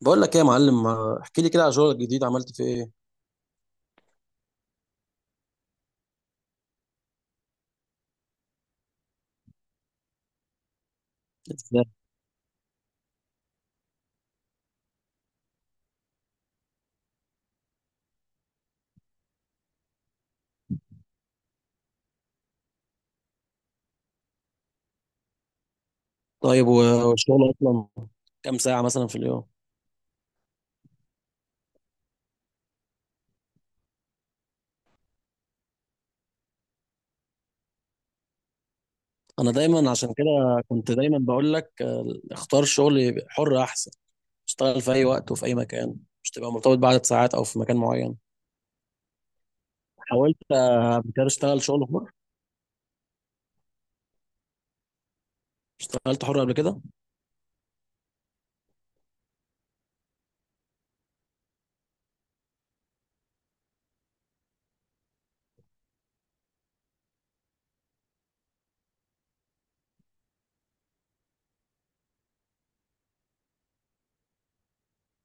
بقول لك ايه يا معلم؟ ما احكي لي كده على شغلك الجديد، عملت فيه ايه؟ إزاي؟ طيب والشغل اصلا كام ساعة مثلا في اليوم؟ انا دايما عشان كده كنت دايما بقول لك، اختار شغل حر احسن. اشتغل في اي وقت وفي اي مكان، مش تبقى مرتبط بعدد ساعات او في مكان معين. حاولت قبل كده اشتغل شغل حر. اشتغلت حر قبل كده.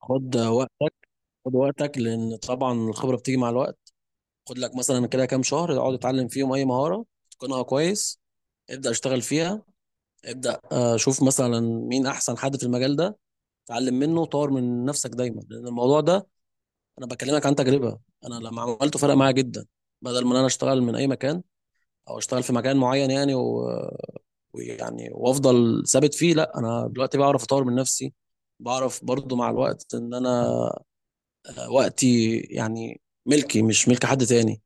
خد وقتك. خد وقتك لان طبعا الخبرة بتيجي مع الوقت. خد لك مثلا كده كام شهر، اقعد اتعلم فيهم اي مهارة تكونها كويس. ابدأ اشتغل فيها. ابدأ شوف مثلا مين احسن حد في المجال ده. اتعلم منه وطور من نفسك دايما، لان الموضوع ده، انا بكلمك عن تجربة. انا لما عملته فرق معايا جدا. بدل ما انا اشتغل من اي مكان، او اشتغل في مكان معين، يعني و... ويعني وافضل ثابت فيه، لا انا دلوقتي بعرف اطور من نفسي. بعرف برضو مع الوقت ان انا وقتي يعني ملكي مش ملك حد تاني،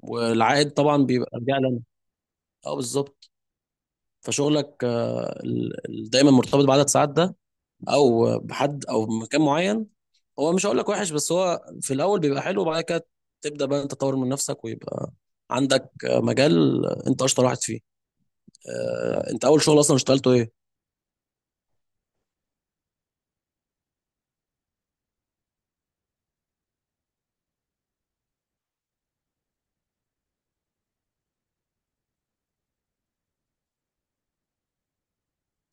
والعائد طبعا بيبقى راجع لي انا. اه بالظبط. فشغلك دايما مرتبط بعدد ساعات ده، او بحد او مكان معين، هو مش هقول لك وحش، بس هو في الاول بيبقى حلو، وبعد كده تبدا بقى انت تطور من نفسك ويبقى عندك مجال انت اشطر واحد فيه. انت اول شغل اصلا اشتغلته ايه؟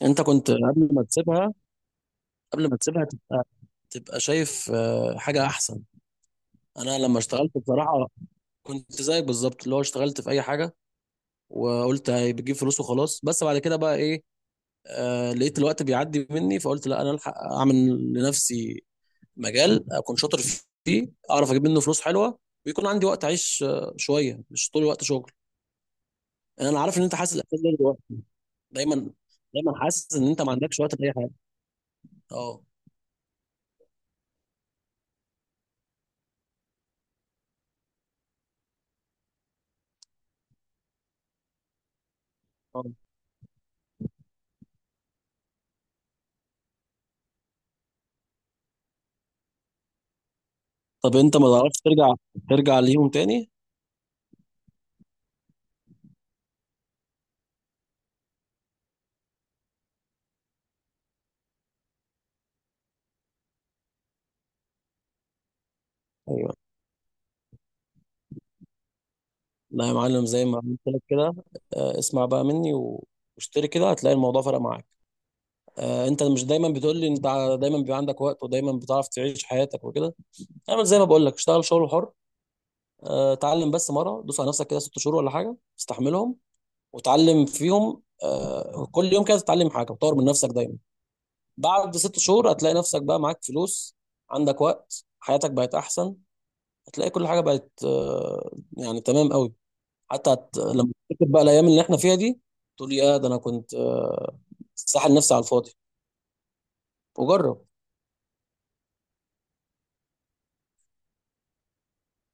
انت كنت قبل ما تسيبها، قبل ما تسيبها تبقى شايف حاجه احسن. انا لما اشتغلت بصراحه كنت زيك بالظبط، اللي هو اشتغلت في اي حاجه وقلت هي بتجيب فلوس وخلاص. بس بعد كده بقى ايه، آه لقيت الوقت بيعدي مني فقلت لا، انا الحق اعمل لنفسي مجال اكون شاطر فيه، اعرف اجيب منه فلوس حلوه، ويكون عندي وقت اعيش شويه مش طول الوقت شغل. يعني انا عارف ان انت حاسس الاحساس ده دلوقتي. دايما، دايما حاسس ان انت ما عندكش وقت لاي حاجه. اه. آه. طب انت ما تعرفش ترجع، ترجع ليهم تاني؟ ايوه. لا يا معلم، زي ما قلت لك كده، اسمع بقى مني واشتري كده، هتلاقي الموضوع فرق معاك. انت مش دايما بتقول لي انت دايما بيبقى عندك وقت ودايما بتعرف تعيش حياتك وكده؟ اعمل زي ما بقول لك، اشتغل شغل حر. اتعلم بس مره، دوس على نفسك كده 6 شهور ولا حاجه استحملهم، وتعلم فيهم كل يوم كده تتعلم حاجه وتطور من نفسك دايما. بعد 6 شهور هتلاقي نفسك بقى معاك فلوس، عندك وقت، حياتك بقت احسن. هتلاقي كل حاجه بقت يعني تمام قوي. حتى لما تفتكر بقى الايام اللي احنا فيها دي، تقول يا ده انا كنت ساحل نفسي على الفاضي. وجرب.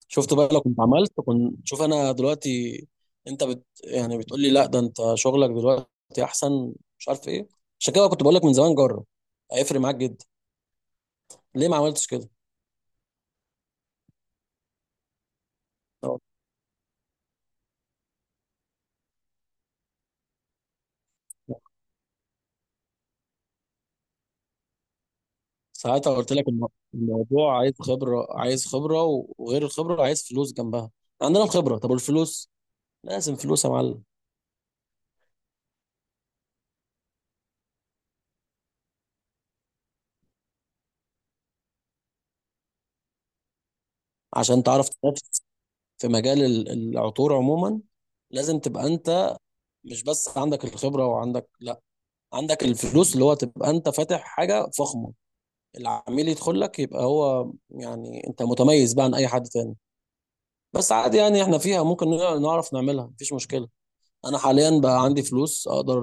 شفت بقى؟ لو كنت عملت، كنت شوف انا دلوقتي. انت يعني بتقول لي لا ده انت شغلك دلوقتي احسن، مش عارف ايه. عشان كده كنت بقول لك من زمان جرب، هيفرق معاك جدا. ليه ما عملتش كده؟ آه. ساعتها قلت لك الموضوع عايز خبرة، عايز خبرة وغير الخبرة عايز فلوس جنبها. عندنا الخبرة، طب والفلوس؟ لازم فلوس يا معلم. عشان تعرف تنافس في مجال العطور عموما، لازم تبقى انت مش بس عندك الخبرة وعندك لا، عندك الفلوس، اللي هو تبقى انت فاتح حاجة فخمة. العميل يدخل لك يبقى هو يعني انت متميز بقى عن اي حد تاني. بس عادي يعني، احنا فيها ممكن نعرف نعملها، مفيش مشكلة. انا حاليا بقى عندي فلوس، اقدر،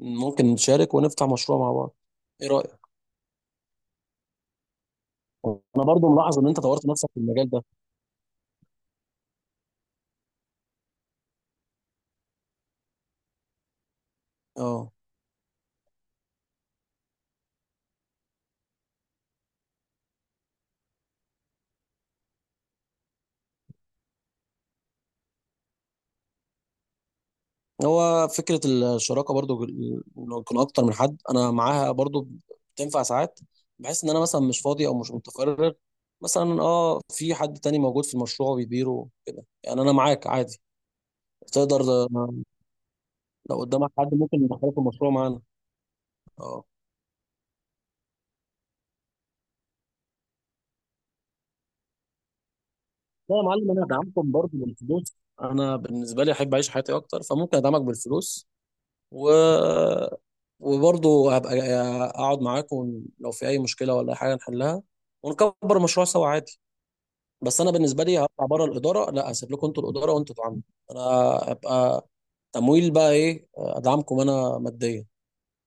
ممكن نشارك ونفتح مشروع مع بعض. ايه رأيك؟ انا برضو ملاحظ ان انت طورت نفسك في المجال ده. اه. هو فكرة الشراكة برضو، لو يكون اكتر من حد انا معاها برضو، بتنفع ساعات. بحس ان انا مثلا مش فاضي او مش متفرغ، مثلا اه في حد تاني موجود في المشروع وبيديره كده، يعني انا معاك عادي. تقدر، لو قدامك حد ممكن يدخلك في المشروع معانا. اه. لا يا معلم، انا دعمكم برضو بالفلوس، انا بالنسبة لي احب اعيش حياتي اكتر، فممكن ادعمك بالفلوس، و، وبرضه هبقى اقعد معاكم لو في اي مشكله ولا أي حاجه نحلها، ونكبر المشروع سوا عادي. بس انا بالنسبه لي هطلع بره الاداره، لا اسيب لكم انتوا الاداره وانتوا اتعاملوا. انا هبقى تمويل بقى، ايه، ادعمكم انا ماديا.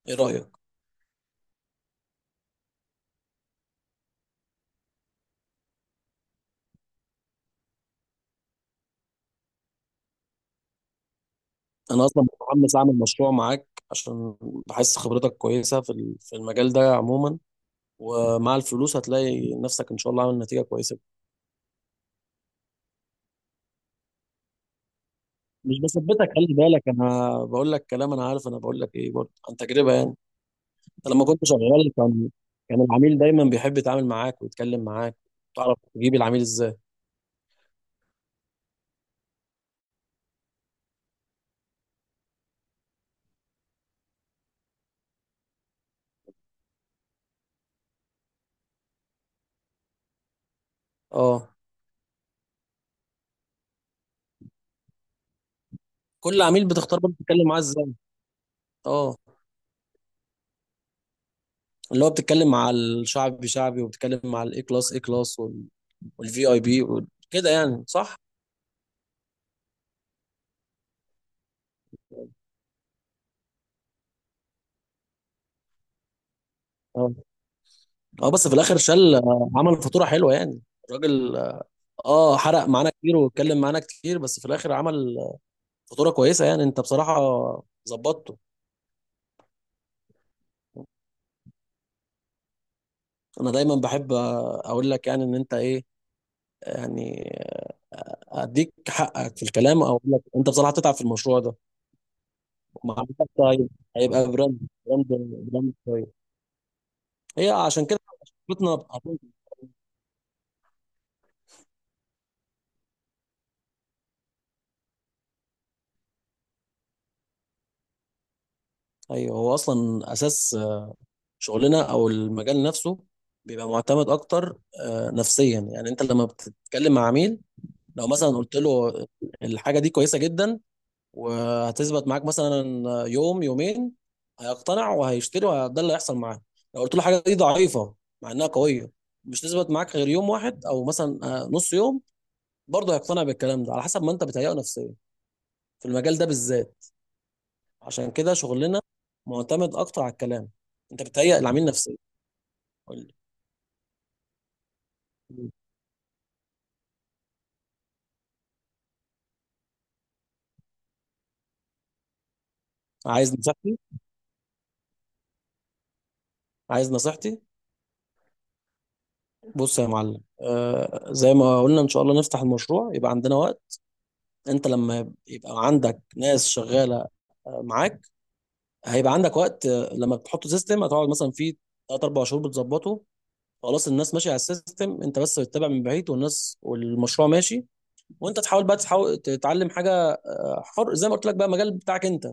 ايه رايك؟ انا اصلا متحمس اعمل مشروع معاك، عشان بحس خبرتك كويسه في في المجال ده عموما، ومع الفلوس هتلاقي نفسك ان شاء الله عامل نتيجه كويسه. مش بثبتك، خلي بالك انا بقول لك كلام انا عارف، انا بقول لك ايه برضه عن تجربه يعني. لما كنت شغال كان العميل دايما بيحب يتعامل معاك ويتكلم معاك. تعرف تجيب العميل ازاي؟ اه. كل عميل بتختار برضه تتكلم معاه ازاي. اه. اللي هو بتتكلم مع الشعبي شعبي، وبتتكلم مع الاي كلاس اي كلاس، والفي اي بي، كده يعني، صح؟ اه. اه بس في الاخر شال، عمل فاتوره حلوه يعني. الراجل اه. حرق معانا كتير واتكلم معانا كتير، بس في الاخر عمل فاتوره كويسه. يعني انت بصراحه ظبطته. انا دايما بحب اقول لك يعني ان انت ايه يعني، اديك حقك في الكلام، او اقول لك انت بصراحه هتتعب في المشروع ده. ومع الوقت طيب، هيبقى براند، براند، براند طيب. هي عشان كده شركتنا ايوه، هو اصلا اساس شغلنا او المجال نفسه بيبقى معتمد اكتر نفسيا. يعني انت لما بتتكلم مع عميل لو مثلا قلت له الحاجه دي كويسه جدا، وهتثبت معاك مثلا يوم يومين، هيقتنع وهيشتري وده اللي هيحصل معاه. لو قلت له حاجه دي ضعيفه مع انها قويه، مش تثبت معاك غير يوم واحد او مثلا نص يوم، برضه هيقتنع بالكلام ده على حسب ما انت بتهيئه نفسيا في المجال ده بالذات. عشان كده شغلنا معتمد اكتر على الكلام. انت بتهيئ العميل نفسيا. قول لي. مم. عايز نصيحتي؟ عايز نصيحتي؟ بص يا معلم، آه زي ما قلنا ان شاء الله نفتح المشروع، يبقى عندنا وقت. انت لما يبقى عندك ناس شغاله معاك، هيبقى عندك وقت. لما بتحط سيستم هتقعد مثلا فيه 3 4 شهور بتظبطه. خلاص الناس ماشيه على السيستم، انت بس بتتابع من بعيد، والناس والمشروع ماشي. وانت تحاول بقى، تحاول تتعلم حاجه حر، زي ما قلت لك بقى، مجال بتاعك انت،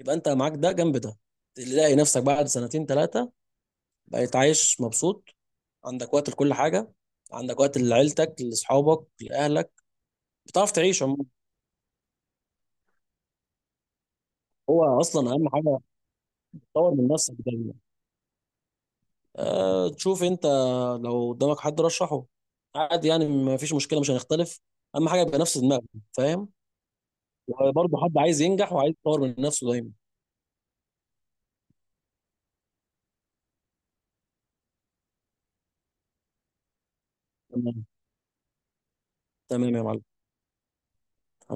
يبقى انت معاك ده جنب ده. تلاقي نفسك بعد سنتين ثلاثه بقيت عايش مبسوط، عندك وقت لكل حاجه، عندك وقت لعيلتك لاصحابك لاهلك، بتعرف تعيش عموما. هو اصلا اهم حاجه تطور من نفسك. أه تشوف انت لو قدامك حد رشحه، عادي يعني، ما فيش مشكله، مش هنختلف. اهم حاجه يبقى نفس دماغنا، فاهم. وبرضه حد عايز ينجح وعايز يطور من نفسه دايما. تمام. تمام يا معلم.